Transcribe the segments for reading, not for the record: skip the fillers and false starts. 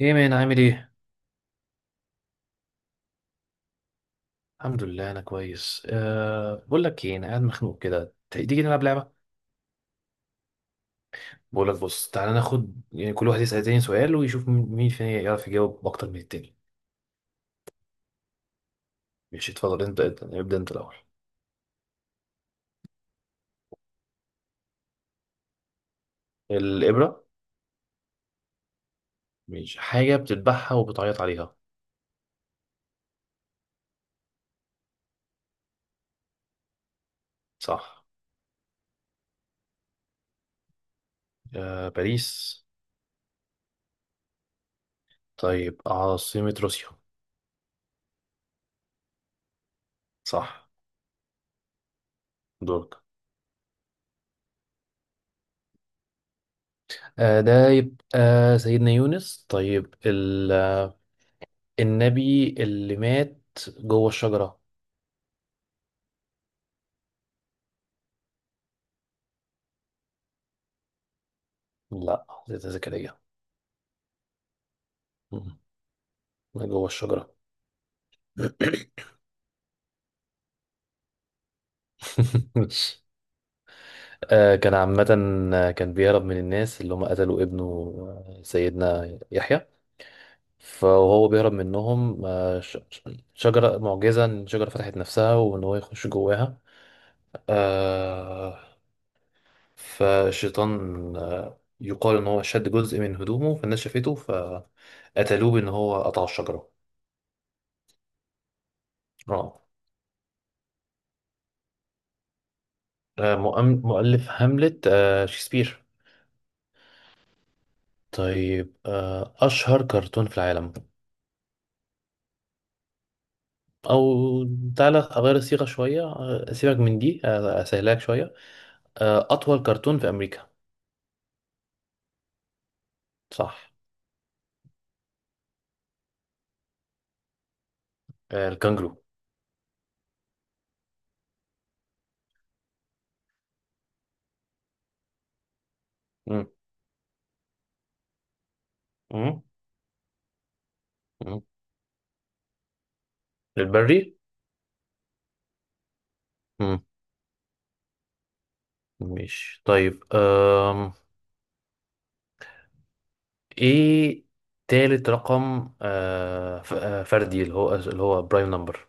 ايه مان، عامل ايه؟ الحمد لله، انا كويس. بقول لك ايه، انا قاعد مخنوق كده. تيجي نلعب لعبه. بقول لك بص، تعالى ناخد يعني كل واحد يسأل التاني سؤال ويشوف مين مين فينا يعرف يجاوب اكتر من التاني. ماشي، اتفضل. ابدا انت الاول. الابره. ماشي، حاجه بتذبحها وبتعيط عليها؟ صح. أه، باريس. طيب، عاصمه روسيا؟ صح. دورك. أه، ده يبقى سيدنا يونس. طيب، النبي اللي مات جوه الشجره. لا، زيادة ذكرية. مم. جوه الشجرة. كان عامة. كان بيهرب من الناس اللي هم قتلوا ابنه. سيدنا يحيى. فهو بيهرب منهم، شجرة معجزة، إن الشجرة فتحت نفسها وإن هو يخش جواها. آه، فالشيطان، يقال إن هو شد جزء من هدومه، فالناس شافته فقتلوه بإن هو قطع الشجرة. آه. مؤلف هاملت، شكسبير. طيب، أشهر كرتون في العالم. أو تعالى أغير الصيغة شوية، سيبك من دي، أسهلك شوية. أطول كرتون في أمريكا. صح. الكانجرو. مم. مم. مم. البري. مم. ماشي. طيب، إيه تالت رقم فردي، اللي هو برايم نمبر.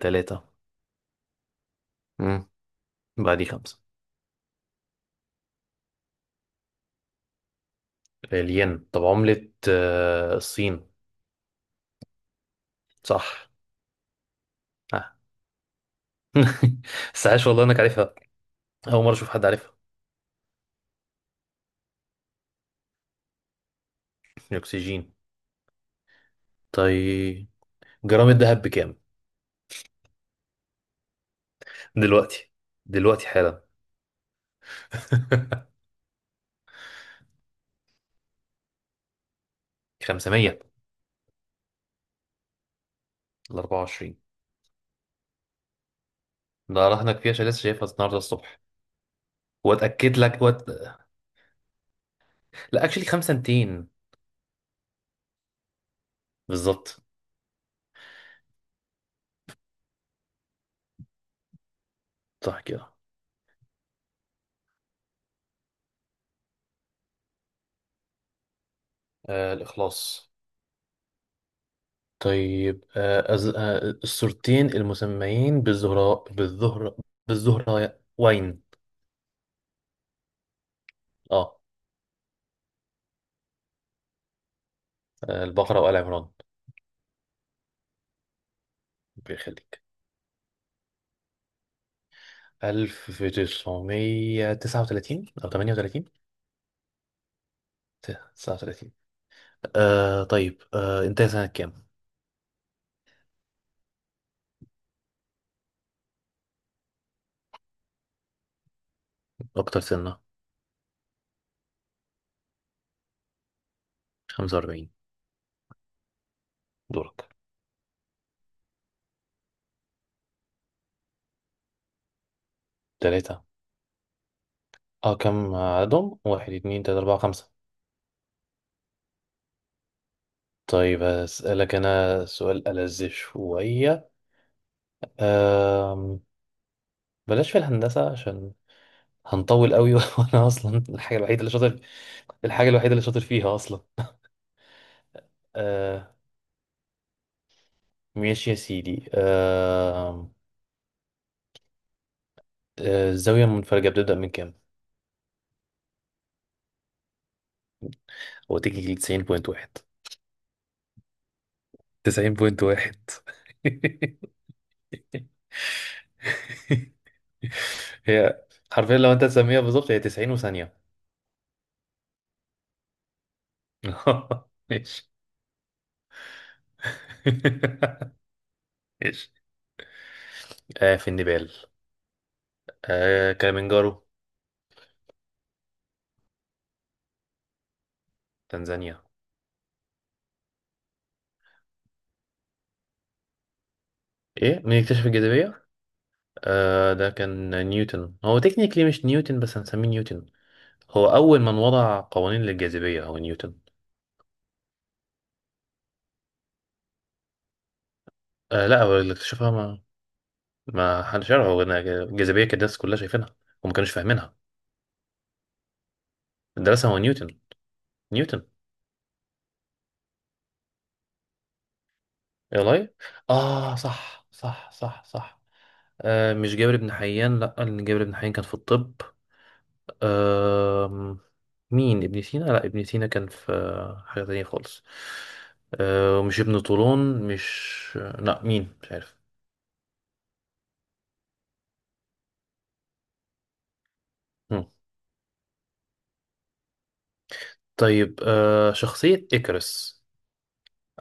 تلاتة. مم. بعديه خمسة. الين. طب، عملة الصين؟ صح. آه. بس عاش والله انك عارفها. اول مره اشوف حد عارفها. الاكسجين. طيب، جرام الذهب بكام؟ دلوقتي. دلوقتي حالا. 500 ل 24. ده راح هناك فيها عشان لسه شايفها النهارده الصبح. واتاكد لك وات... لا اكشلي 5200. بالظبط. صح كده. آه، الاخلاص. طيب، آه أز... آه الصورتين المسميين بالزهراء وين؟ اه. البقرة وآل عمران. بيخليك. 1939 أو 38، 39. طيب انت سنة كام؟ أكتر سنة. 45. دورك. تلاتة. اه كم عددهم؟ واحد، اتنين، تلاتة، أربعة، خمسة. طيب، هسألك أنا سؤال ألذ شوية. آه. بلاش في الهندسة عشان هنطول قوي. وأنا أصلا الحاجة الوحيدة اللي شاطر، الحاجة الوحيدة اللي شاطر فيها أصلا. آه، ماشي يا سيدي. الزاوية المنفرجة بتبدأ من كام؟ هو تيجي 90.1. 90.1. هي حرفيا لو انت تسميها بالظبط، هي 90 وثانية. ماشي. ماشي. آه، في النيبال. آه، كليمنجارو. تنزانيا. ايه، مين اكتشف الجاذبية؟ آه، ده كان نيوتن. هو تكنيكلي مش نيوتن، بس هنسميه نيوتن. هو أول من وضع قوانين للجاذبية هو نيوتن. آه لا، هو اللي اكتشفها، ما حدش يعرف هو إنها الجاذبية، كانت الناس كلها شايفينها وما كانوش فاهمينها. درسها هو نيوتن. نيوتن. ايه والله. اه، صح صح صح صح. آه، مش جابر بن حيان، لا، لان جابر بن حيان كان في الطب. آه، مين؟ ابن سينا؟ لا، ابن سينا كان في حاجة تانية خالص. آه، مش ابن طولون، مش آه، لا، مين؟ مش عارف. مم. طيب، آه، شخصية إكرس،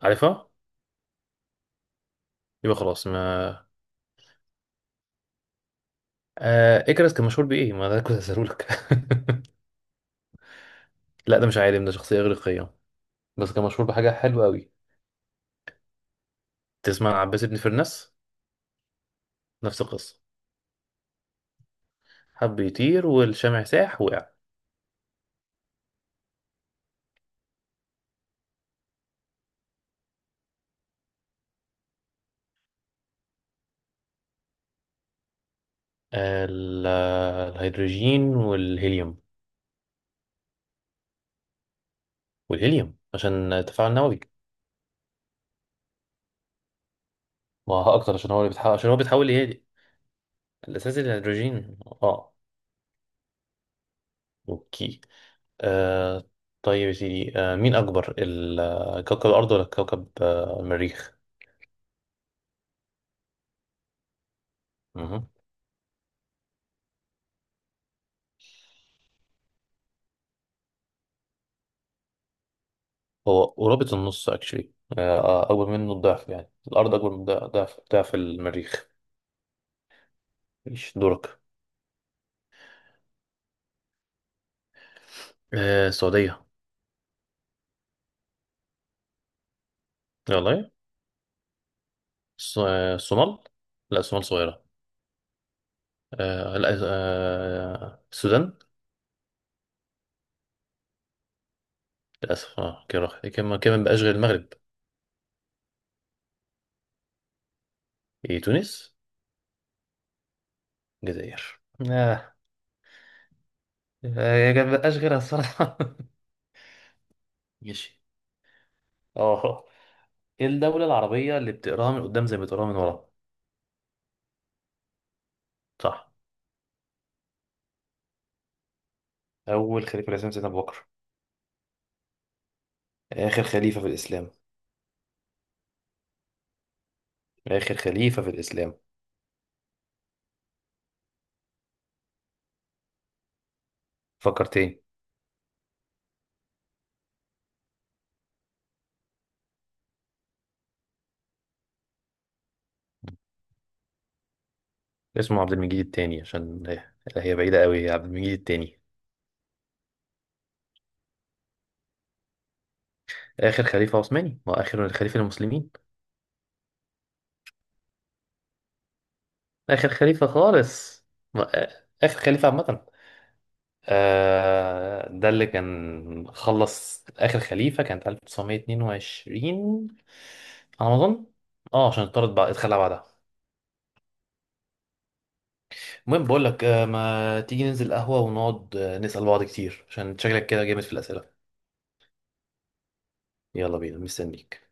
عارفها؟ يبقى خلاص ما. إكرس كان مشهور بإيه؟ ما ده كنت هسألهولك. لا، ده مش عالم، ده شخصية إغريقية، بس كان مشهور بحاجة حلوة أوي. تسمع عن عباس بن فرناس؟ نفس القصة. حب يطير والشمع ساح، وقع. ال- الهيدروجين والهيليوم. والهيليوم عشان تفاعل نووي. ما هو اكتر عشان هو اللي بيتحول، عشان هو بيتحول لهيلي. الاساسي الهيدروجين، اه. اوكي. آه، طيب يا سيدي، مين اكبر، كوكب الارض ولا كوكب المريخ؟ مهم. هو قرابة النص اكشلي. اكبر منه الضعف، يعني الارض اكبر من ضعف المريخ. مش دورك؟ آه، السعودية. والله. الصومال. لا، الصومال صغيرة. آه لا آه السودان. للأسف. اه، كده راح. كمان كمان بقاش غير المغرب. إيه، تونس. الجزائر. اه. يا جماعة مبقاش غيرها الصراحة. ماشي. اه. ايه الدولة العربية اللي بتقراها من قدام زي ما بتقراها من ورا؟ صح. أول خليفة؟ لازم سيدنا أبو بكر. آخر خليفة في الإسلام. آخر خليفة في الإسلام. فكر تاني. اسمه عبد المجيد التاني، عشان هي، هي بعيدة قوي، هي عبد المجيد التاني. آخر خليفة عثماني وآخر خليفة المسلمين. آخر خليفة خالص. ما- آخر خليفة عامة. آه، ده اللي كان خلص آخر خليفة، كانت 1922 على ما أظن. اه، عشان اتطرد، بعد اتخلى بعدها. المهم، بقول لك ما تيجي ننزل قهوة ونقعد نسأل بعض كتير عشان شكلك كده جامد في الأسئلة. يلا بينا، مستنيك.